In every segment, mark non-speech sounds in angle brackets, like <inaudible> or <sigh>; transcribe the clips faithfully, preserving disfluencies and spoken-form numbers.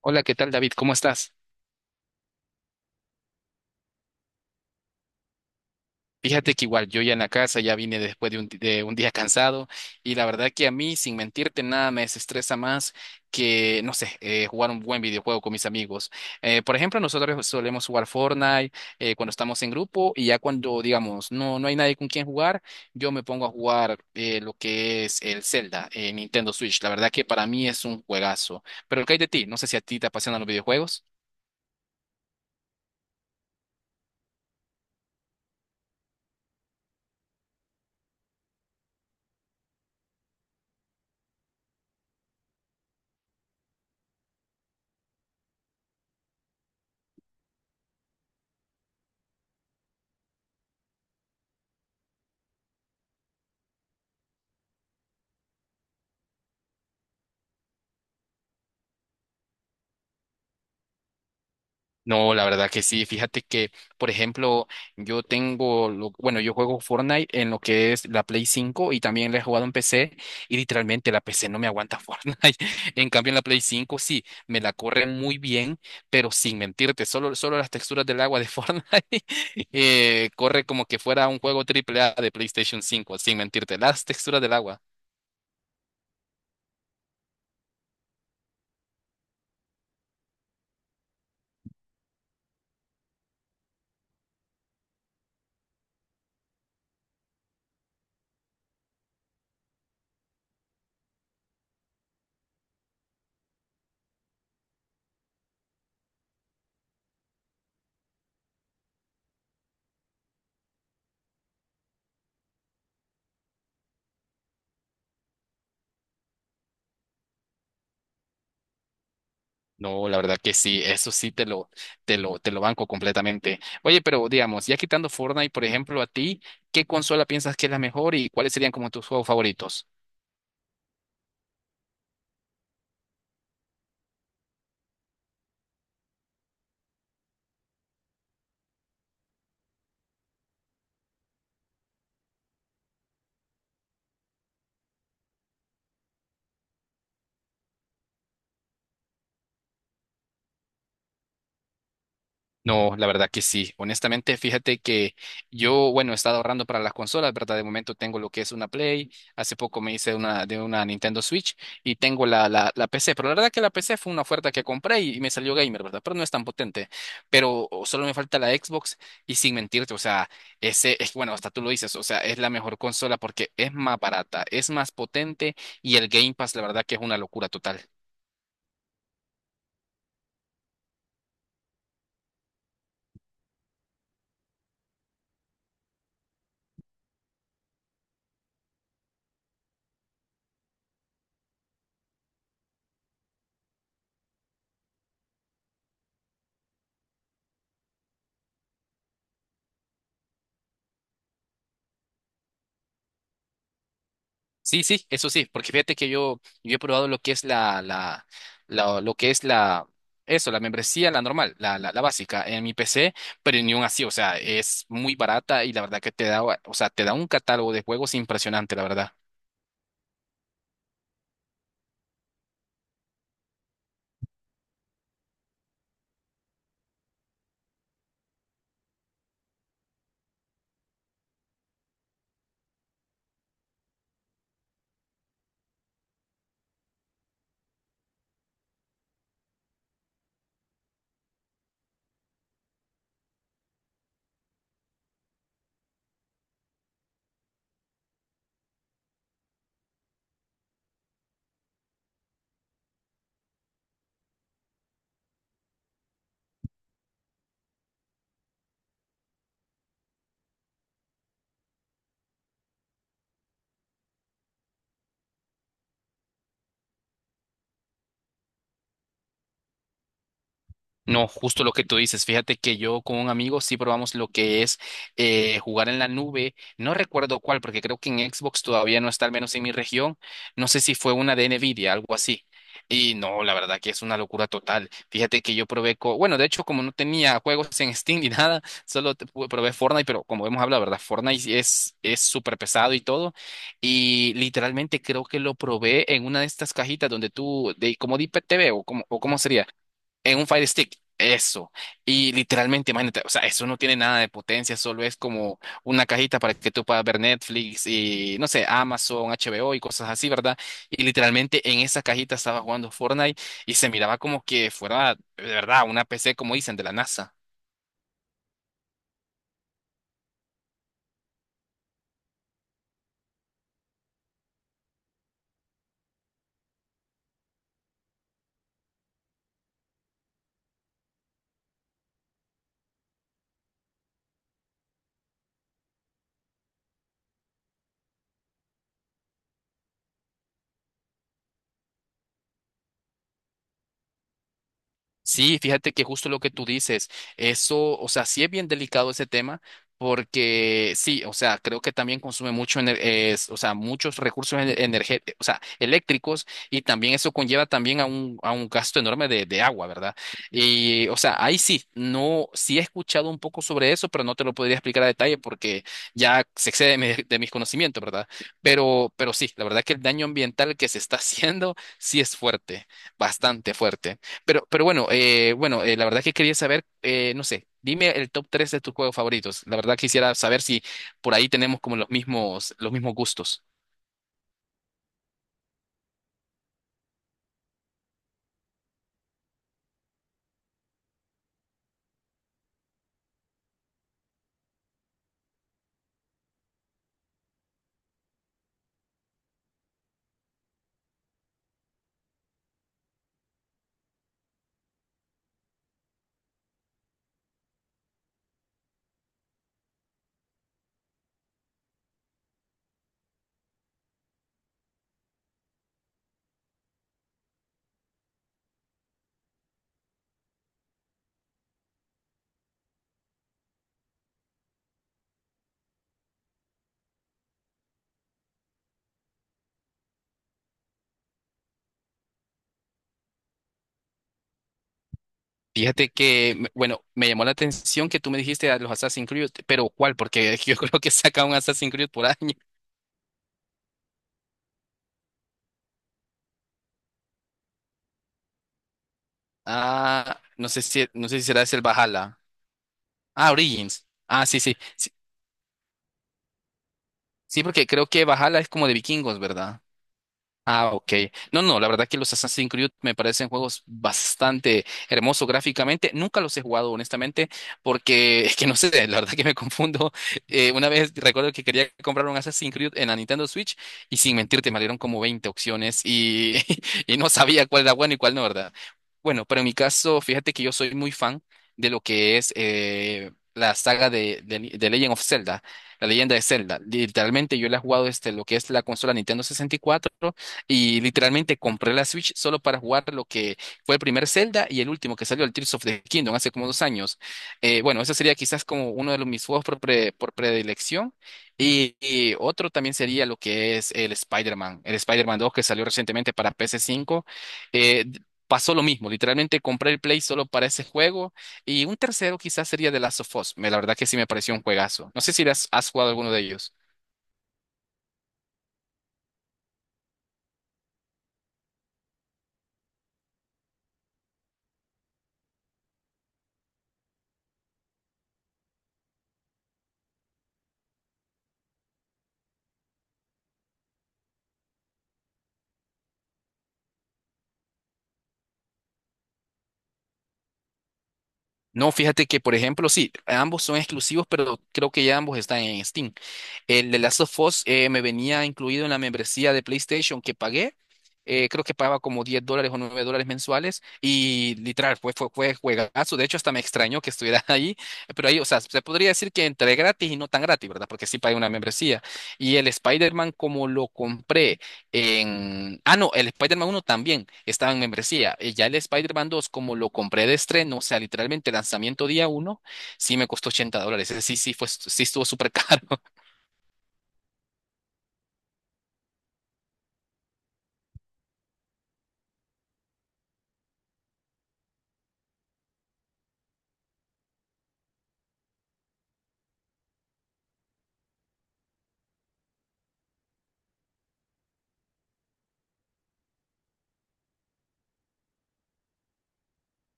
Hola, ¿qué tal, David? ¿Cómo estás? Fíjate que igual yo ya en la casa, ya vine después de un, di- de un día cansado y la verdad que a mí, sin mentirte, nada me desestresa más que, no sé, eh, jugar un buen videojuego con mis amigos. Eh, por ejemplo, nosotros solemos jugar Fortnite eh, cuando estamos en grupo y ya cuando, digamos, no, no hay nadie con quien jugar, yo me pongo a jugar eh, lo que es el Zelda en Nintendo Switch. La verdad que para mí es un juegazo. Pero ¿qué hay de ti? No sé si a ti te apasionan los videojuegos. No, la verdad que sí. Fíjate que, por ejemplo, yo tengo, lo- bueno, yo juego Fortnite en lo que es la Play cinco y también la he jugado en P C y literalmente la P C no me aguanta <laughs> Fortnite. En cambio, en la Play cinco sí, me la corre muy bien, pero sin mentirte, solo, solo las texturas del agua de Fortnite <laughs> eh, corre como que fuera un juego triple A de PlayStation cinco, sin mentirte, las texturas del agua. No, la verdad que sí, eso sí te lo, te lo, te lo banco completamente. Oye, pero digamos, ya quitando Fortnite, por ejemplo, a ti, ¿qué consola piensas que es la mejor y cuáles serían como tus juegos favoritos? No, la verdad que sí. Honestamente, fíjate que yo, bueno, he estado ahorrando para las consolas, ¿verdad? De momento tengo lo que es una Play, hace poco me hice una de una Nintendo Switch y tengo la, la, la P C, pero la verdad que la P C fue una oferta que compré y, y me salió gamer, ¿verdad? Pero no es tan potente, pero solo me falta la Xbox y sin mentirte, o sea, ese es, bueno, hasta tú lo dices, o sea, es la mejor consola porque es más barata, es más potente y el Game Pass, la verdad que es una locura total. Sí, sí, eso sí, porque fíjate que yo, yo he probado lo que es la, la, la- lo que es la, eso, la membresía, la normal, la, la, la básica en mi P C, pero ni aún así, o sea, es muy barata y la verdad que te da, o sea, te da un catálogo de juegos impresionante, la verdad. No, justo lo que tú dices. Fíjate que yo con un amigo sí probamos lo que es eh, jugar en la nube. No recuerdo cuál, porque creo que en Xbox todavía no está, al menos en mi región. No sé si fue una de Nvidia, algo así. Y no, la verdad que es una locura total. Fíjate que yo probé, co- bueno, de hecho, como no tenía juegos en Steam ni <laughs> nada, solo te- pu- probé Fortnite, pero como hemos hablado, ¿verdad? Fortnite sí es es súper pesado y todo. Y literalmente creo que lo probé en una de estas cajitas donde tú, de, como de I P T V o como, o cómo sería en un Fire Stick, eso. Y literalmente, imagínate, o sea, eso no tiene nada de potencia, solo es como una cajita para que tú puedas ver Netflix y, no sé, Amazon, H B O y cosas así, ¿verdad? Y literalmente en esa cajita estaba jugando Fortnite y se miraba como que fuera, de verdad, una P C, como dicen, de la NASA. Sí, fíjate que justo lo que tú dices, eso, o sea, sí es bien delicado ese tema, porque sí, o sea, creo que también consume mucho, ener- es, o sea, muchos recursos energéticos, o sea, eléctricos, y también eso conlleva también a un, a un gasto enorme de, de agua, ¿verdad? Y, o sea, ahí sí, no, sí he escuchado un poco sobre eso, pero no te lo podría explicar a detalle porque ya se excede de, mi- de mis conocimientos, ¿verdad? Pero, pero sí, la verdad que el daño ambiental que se está <laughs> haciendo sí es fuerte, bastante fuerte. Pero, pero bueno, eh, bueno, eh, la verdad que quería saber, eh, no sé, dime el top tres de tus juegos favoritos. La verdad quisiera saber si por ahí tenemos como los mismos, los mismos gustos. Fíjate que, me- bueno, me llamó la atención que tú me dijiste a los Assassin's Creed, pero ¿cuál? Porque <laughs> yo creo que saca un Assassin's Creed por año. Ah, no sé si, no sé si será ese el Valhalla. Ah, Origins. Ah, sí, sí. Sí, sí, porque creo que Valhalla es como de vikingos, ¿verdad? Ah, ok. No, no, la verdad que los Assassin's Creed me parecen juegos bastante hermosos gráficamente. Nunca los he jugado, honestamente, porque <laughs> es que no sé, la verdad que me confundo. Eh, una vez recuerdo que quería comprar un Assassin's Creed en la Nintendo Switch y sin mentirte me dieron como veinte opciones y, <laughs> y no sabía cuál era bueno y cuál no, ¿verdad? Bueno, pero en mi caso, fíjate que yo soy muy fan de lo que es eh, la saga de, de, de Legend of Zelda, la leyenda de Zelda. Literalmente yo la he jugado desde lo que es la consola Nintendo sesenta y cuatro y literalmente compré la Switch solo para jugar lo que fue el primer Zelda y el último que salió, el Tears of the Kingdom, hace como dos años. Eh, bueno, ese sería quizás como uno de los, mis juegos por, pre- por predilección. Y, y otro también sería lo que es el Spider-Man, el Spider-Man dos que salió recientemente para P S cinco. Eh, d- pasó lo mismo, literalmente compré el Play solo para ese juego. Y un tercero quizás sería The Last of Us. Me- La verdad que sí me pareció un juegazo. No sé si has, has jugado alguno de ellos. No, fíjate que, por ejemplo, sí, ambos son exclusivos, pero creo que ya ambos están en Steam. El de Last of Us eh, me venía incluido en la membresía de PlayStation que pagué. Eh, creo que pagaba como diez dólares o nueve dólares mensuales y literal fue, fue, fue juegazo. De hecho, hasta me extrañó que estuviera <laughs> ahí, pero ahí, o sea, se podría decir que entre gratis y no tan gratis, ¿verdad? Porque sí pagué una membresía. Y el Spider-Man, como lo compré en... Ah, no, el Spider-Man uno también estaba en membresía. Eh, Ya el Spider-Man dos, como lo compré de estreno, o sea, literalmente lanzamiento día uno, sí me costó ochenta dólares. Ese sí, sí, fue, sí estuvo súper <laughs> caro.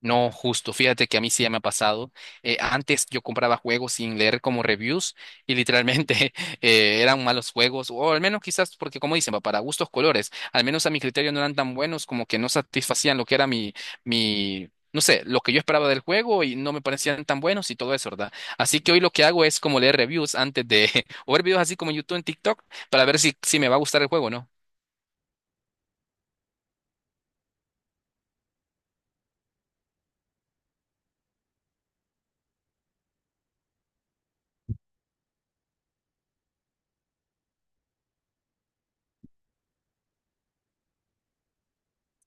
No, justo. Fíjate que a mí sí ya me ha pasado. Eh, antes yo compraba juegos sin leer como reviews y literalmente <laughs> eh, eran malos juegos, o al menos quizás porque como dicen, va, para gustos colores, al menos a mi criterio no eran tan buenos como que no satisfacían lo que era mi, mi, no sé, lo que yo esperaba del juego y no me parecían tan buenos y todo eso, ¿verdad? Así que hoy lo que hago es como leer reviews antes de, <laughs> o ver videos así como en YouTube, en TikTok, para ver si, si me va a gustar el juego, ¿no?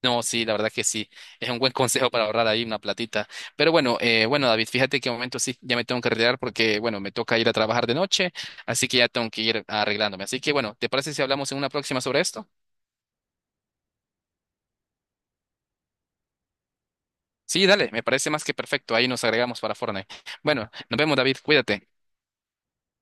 No, sí, la verdad que sí. Es un buen <laughs> consejo para ahorrar ahí una platita. Pero bueno, eh, bueno, David, fíjate que de momento sí, ya me tengo que retirar porque, bueno, me toca ir a trabajar de noche, así que ya tengo que ir arreglándome. Así que bueno, ¿te parece si hablamos en una próxima sobre esto? Sí, dale, me parece más que perfecto. Ahí nos agregamos para Fortnite. Bueno, nos vemos, David, cuídate.